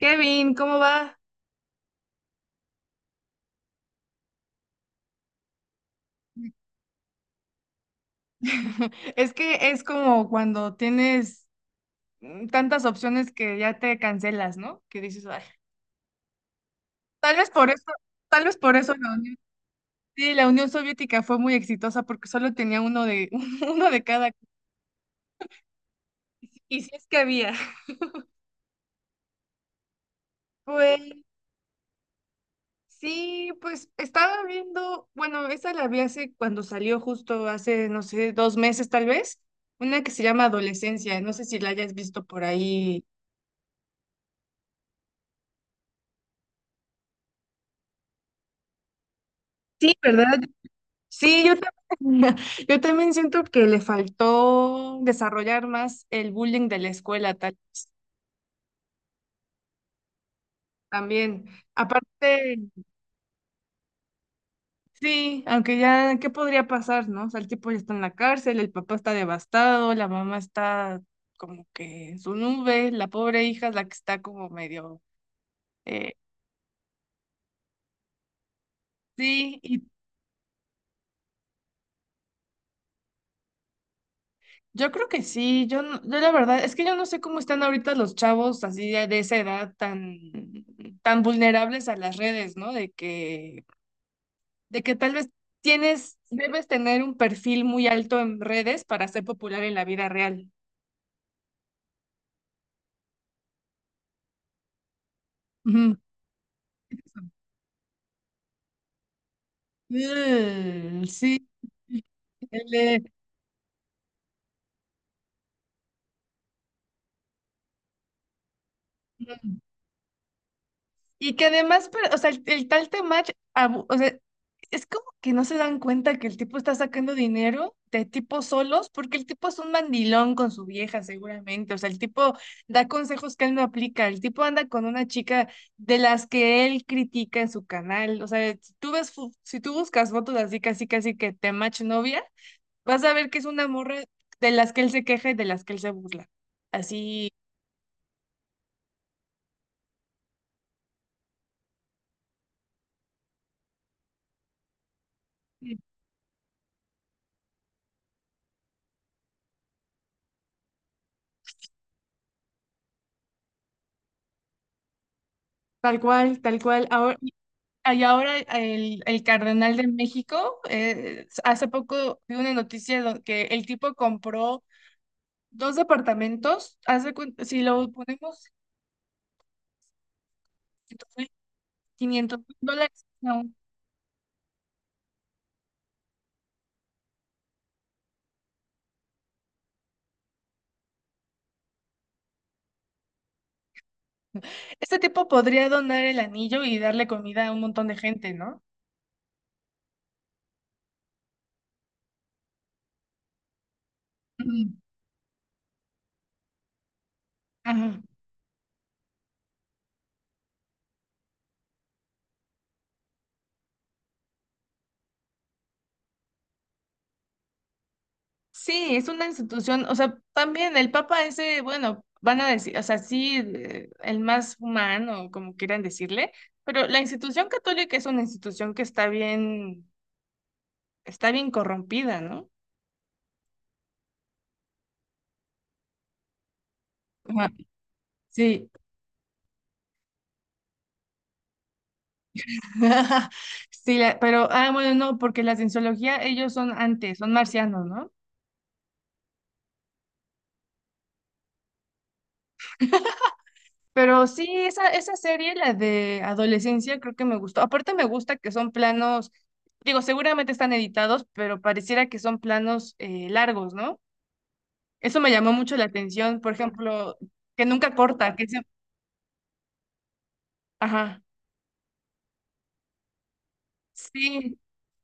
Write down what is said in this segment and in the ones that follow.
Kevin, ¿cómo va? Es que es como cuando tienes tantas opciones que ya te cancelas, ¿no? Que dices, "Ay". Tal vez por eso, tal vez por eso la Unión, sí, la Unión Soviética fue muy exitosa porque solo tenía uno de, uno de cada. Y si es que había. Pues sí, pues estaba viendo, bueno, esa la vi hace cuando salió justo hace, no sé, 2 meses tal vez, una que se llama Adolescencia, no sé si la hayas visto por ahí. Sí, ¿verdad? Sí, yo también, yo también siento que le faltó desarrollar más el bullying de la escuela tal, también. Aparte, sí, aunque ya, ¿qué podría pasar, no? O sea, el tipo ya está en la cárcel, el papá está devastado, la mamá está como que en su nube, la pobre hija es la que está como medio... eh, sí, y yo creo que sí, yo, yo la verdad, es que yo no sé cómo están ahorita los chavos así de esa edad tan, tan vulnerables a las redes, ¿no? De que tal vez tienes, debes tener un perfil muy alto en redes para ser popular en la vida real. Ujú. Mm, sí, el de- y que además, pero, o sea, el tal Temach, o sea, es como que no se dan cuenta que el tipo está sacando dinero de tipos solos, porque el tipo es un mandilón con su vieja, seguramente. O sea, el tipo da consejos que él no aplica. El tipo anda con una chica de las que él critica en su canal. O sea, si tú ves, si tú buscas fotos así, casi, casi que Temach novia, vas a ver que es una morra de las que él se queja y de las que él se burla. Así, tal cual, tal cual. Ahora. Y ahora el cardenal de México, hace poco vi una noticia que el tipo compró 2 departamentos, hace, si lo ponemos, en $500,000. No. Este tipo podría donar el anillo y darle comida a un montón de gente, ¿no? Ujú. Ajá. Sí, es una institución, o sea, también el Papa ese, bueno, van a decir, o sea, sí, el más humano, como quieran decirle, pero la institución católica es una institución que está bien corrompida, ¿no? Ajá, sí. Sí, pero, ah, bueno, no, porque la cienciología, ellos son antes, son marcianos, ¿no? Pero sí, esa serie, la de adolescencia, creo que me gustó. Aparte me gusta que son planos, digo, seguramente están editados, pero pareciera que son planos largos, ¿no? Eso me llamó mucho la atención, por ejemplo, que nunca corta, que se... Ajá. Sí,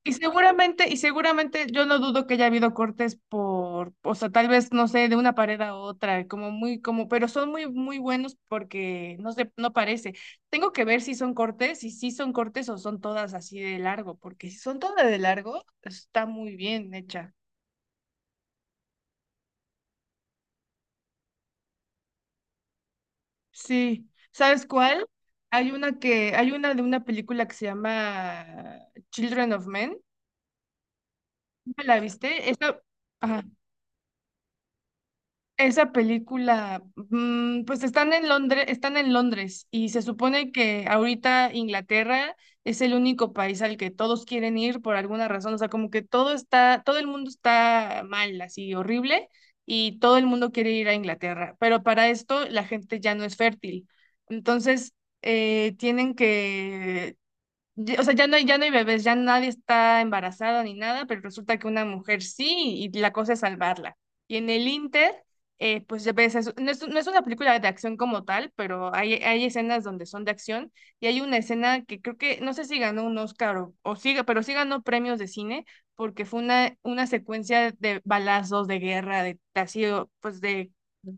y seguramente yo no dudo que haya habido cortes por, o sea, tal vez, no sé, de una pared a otra, como muy, como, pero son muy, muy buenos porque no sé, no parece. Tengo que ver si son cortes, si sí son cortes o son todas así de largo, porque si son todas de largo, está muy bien hecha. Sí, ¿sabes cuál? Hay una que, hay una de una película que se llama Children of Men. ¿Me la viste? Esa, ajá. Esa película, pues están en Londres y se supone que ahorita Inglaterra es el único país al que todos quieren ir por alguna razón, o sea, como que todo está, todo el mundo está mal, así horrible y todo el mundo quiere ir a Inglaterra, pero para esto la gente ya no es fértil, entonces tienen que o sea, ya no hay bebés, ya nadie está embarazado ni nada, pero resulta que una mujer sí, y la cosa es salvarla. Y en el Inter, pues ya ves, no es, no es una película de acción como tal, pero hay escenas donde son de acción, y hay una escena que creo que, no sé si ganó un Oscar o sí, pero sí ganó premios de cine, porque fue una secuencia de balazos, de guerra, de así, o, pues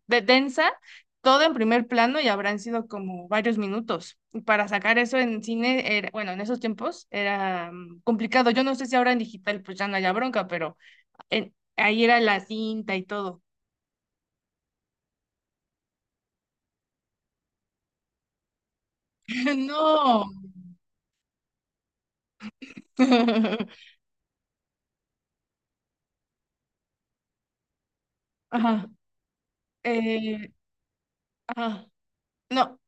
de densa, todo en primer plano y habrán sido como varios minutos para sacar eso en cine, era, bueno, en esos tiempos era complicado. Yo no sé si ahora en digital pues ya no haya bronca, pero ahí era la cinta y todo. No. Ajá. Eh, ajá. No.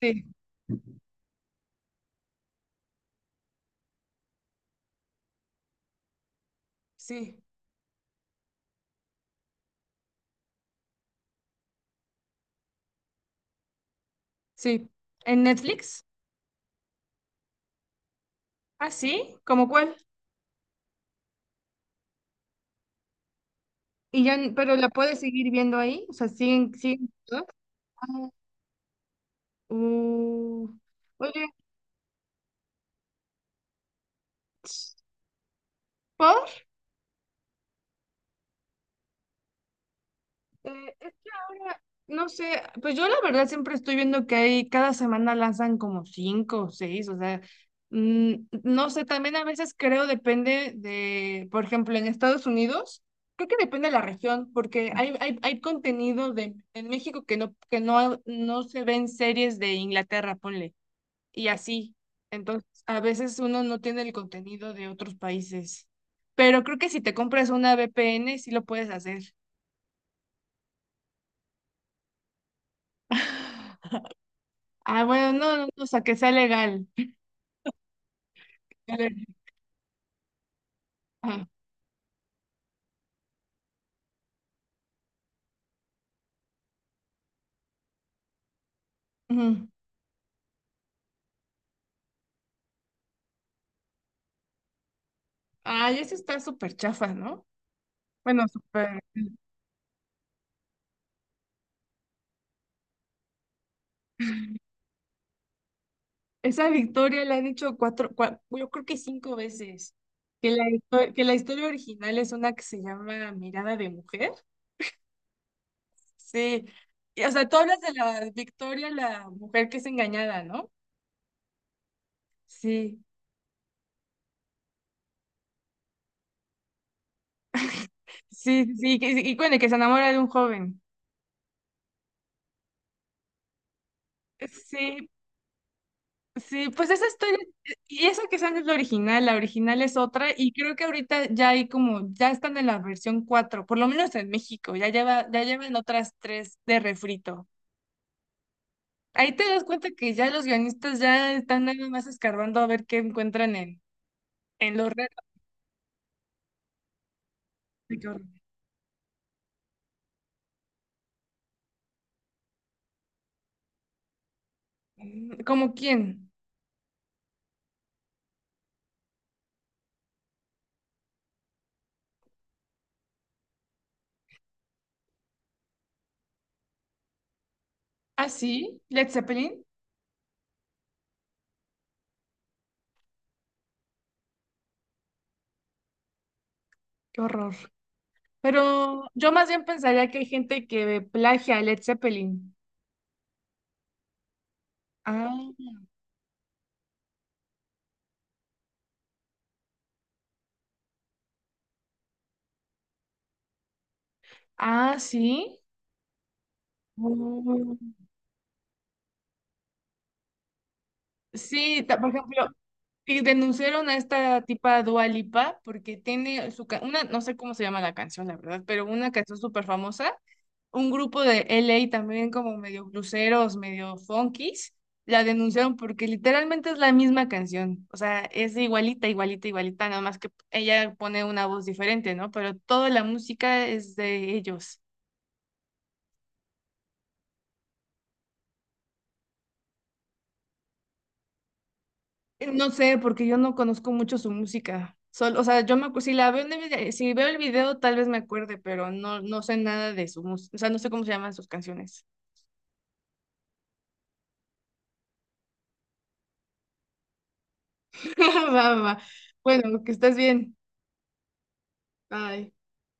Sí, sí, sí. ¿En Netflix? Ah, sí, ¿cómo cuál? Y ya, pero la puedes seguir viendo ahí, o sea, siguen, siguen todas? Ah, uh, oye, ¿Paul? Es que ahora, no sé, pues yo la verdad siempre estoy viendo que hay, cada semana lanzan como cinco o seis, o sea, mm, no sé, también a veces creo depende de, por ejemplo, en Estados Unidos, creo que depende de la región, porque hay contenido de, en México que no, no se ven series de Inglaterra, ponle, y así. Entonces, a veces uno no tiene el contenido de otros países, pero creo que si te compras una VPN, sí lo puedes hacer. Ah, bueno, no, no, no, o sea, que sea legal. Que ah, ujú. Ay, eso está súper chafa, ¿no? Bueno, súper. Esa victoria la han hecho cuatro, yo creo que cinco veces. Que la, que la historia original es una que se llama Mirada de Mujer. Sí. Y, o sea, tú hablas de la Victoria, la mujer que es engañada, ¿no? Sí, sí, sí, y, bueno, que se enamora de un joven. Sí, sí, pues esa historia, y eso que esa no es la original es otra, y creo que ahorita ya hay como, ya están en la versión 4, por lo menos en México, ya lleva, ya llevan otras tres de refrito. Ahí te das cuenta que ya los guionistas ya están nada más escarbando a ver qué encuentran en los retos. Ay, qué horror. Mm, ¿cómo quién? Ah, sí, Led Zeppelin, qué horror. Pero yo más bien pensaría que hay gente que plagia a Led Zeppelin. Ah, ah, sí. Oh. Sí, por ejemplo, y denunciaron a esta tipa Dua Lipa porque tiene su una, no sé cómo se llama la canción, la verdad, pero una canción súper famosa. Un grupo de LA también como medio bluseros, medio funkies, la denunciaron porque literalmente es la misma canción. O sea, es igualita, igualita, igualita, nada más que ella pone una voz diferente, ¿no? Pero toda la música es de ellos. No sé, porque yo no conozco mucho su música. Solo, o sea, yo si la veo en el si veo el video tal vez me acuerde, pero no, no sé nada de su música, o sea, no sé cómo se llaman sus canciones. Va, va, va. Bueno, que estés bien. Bye.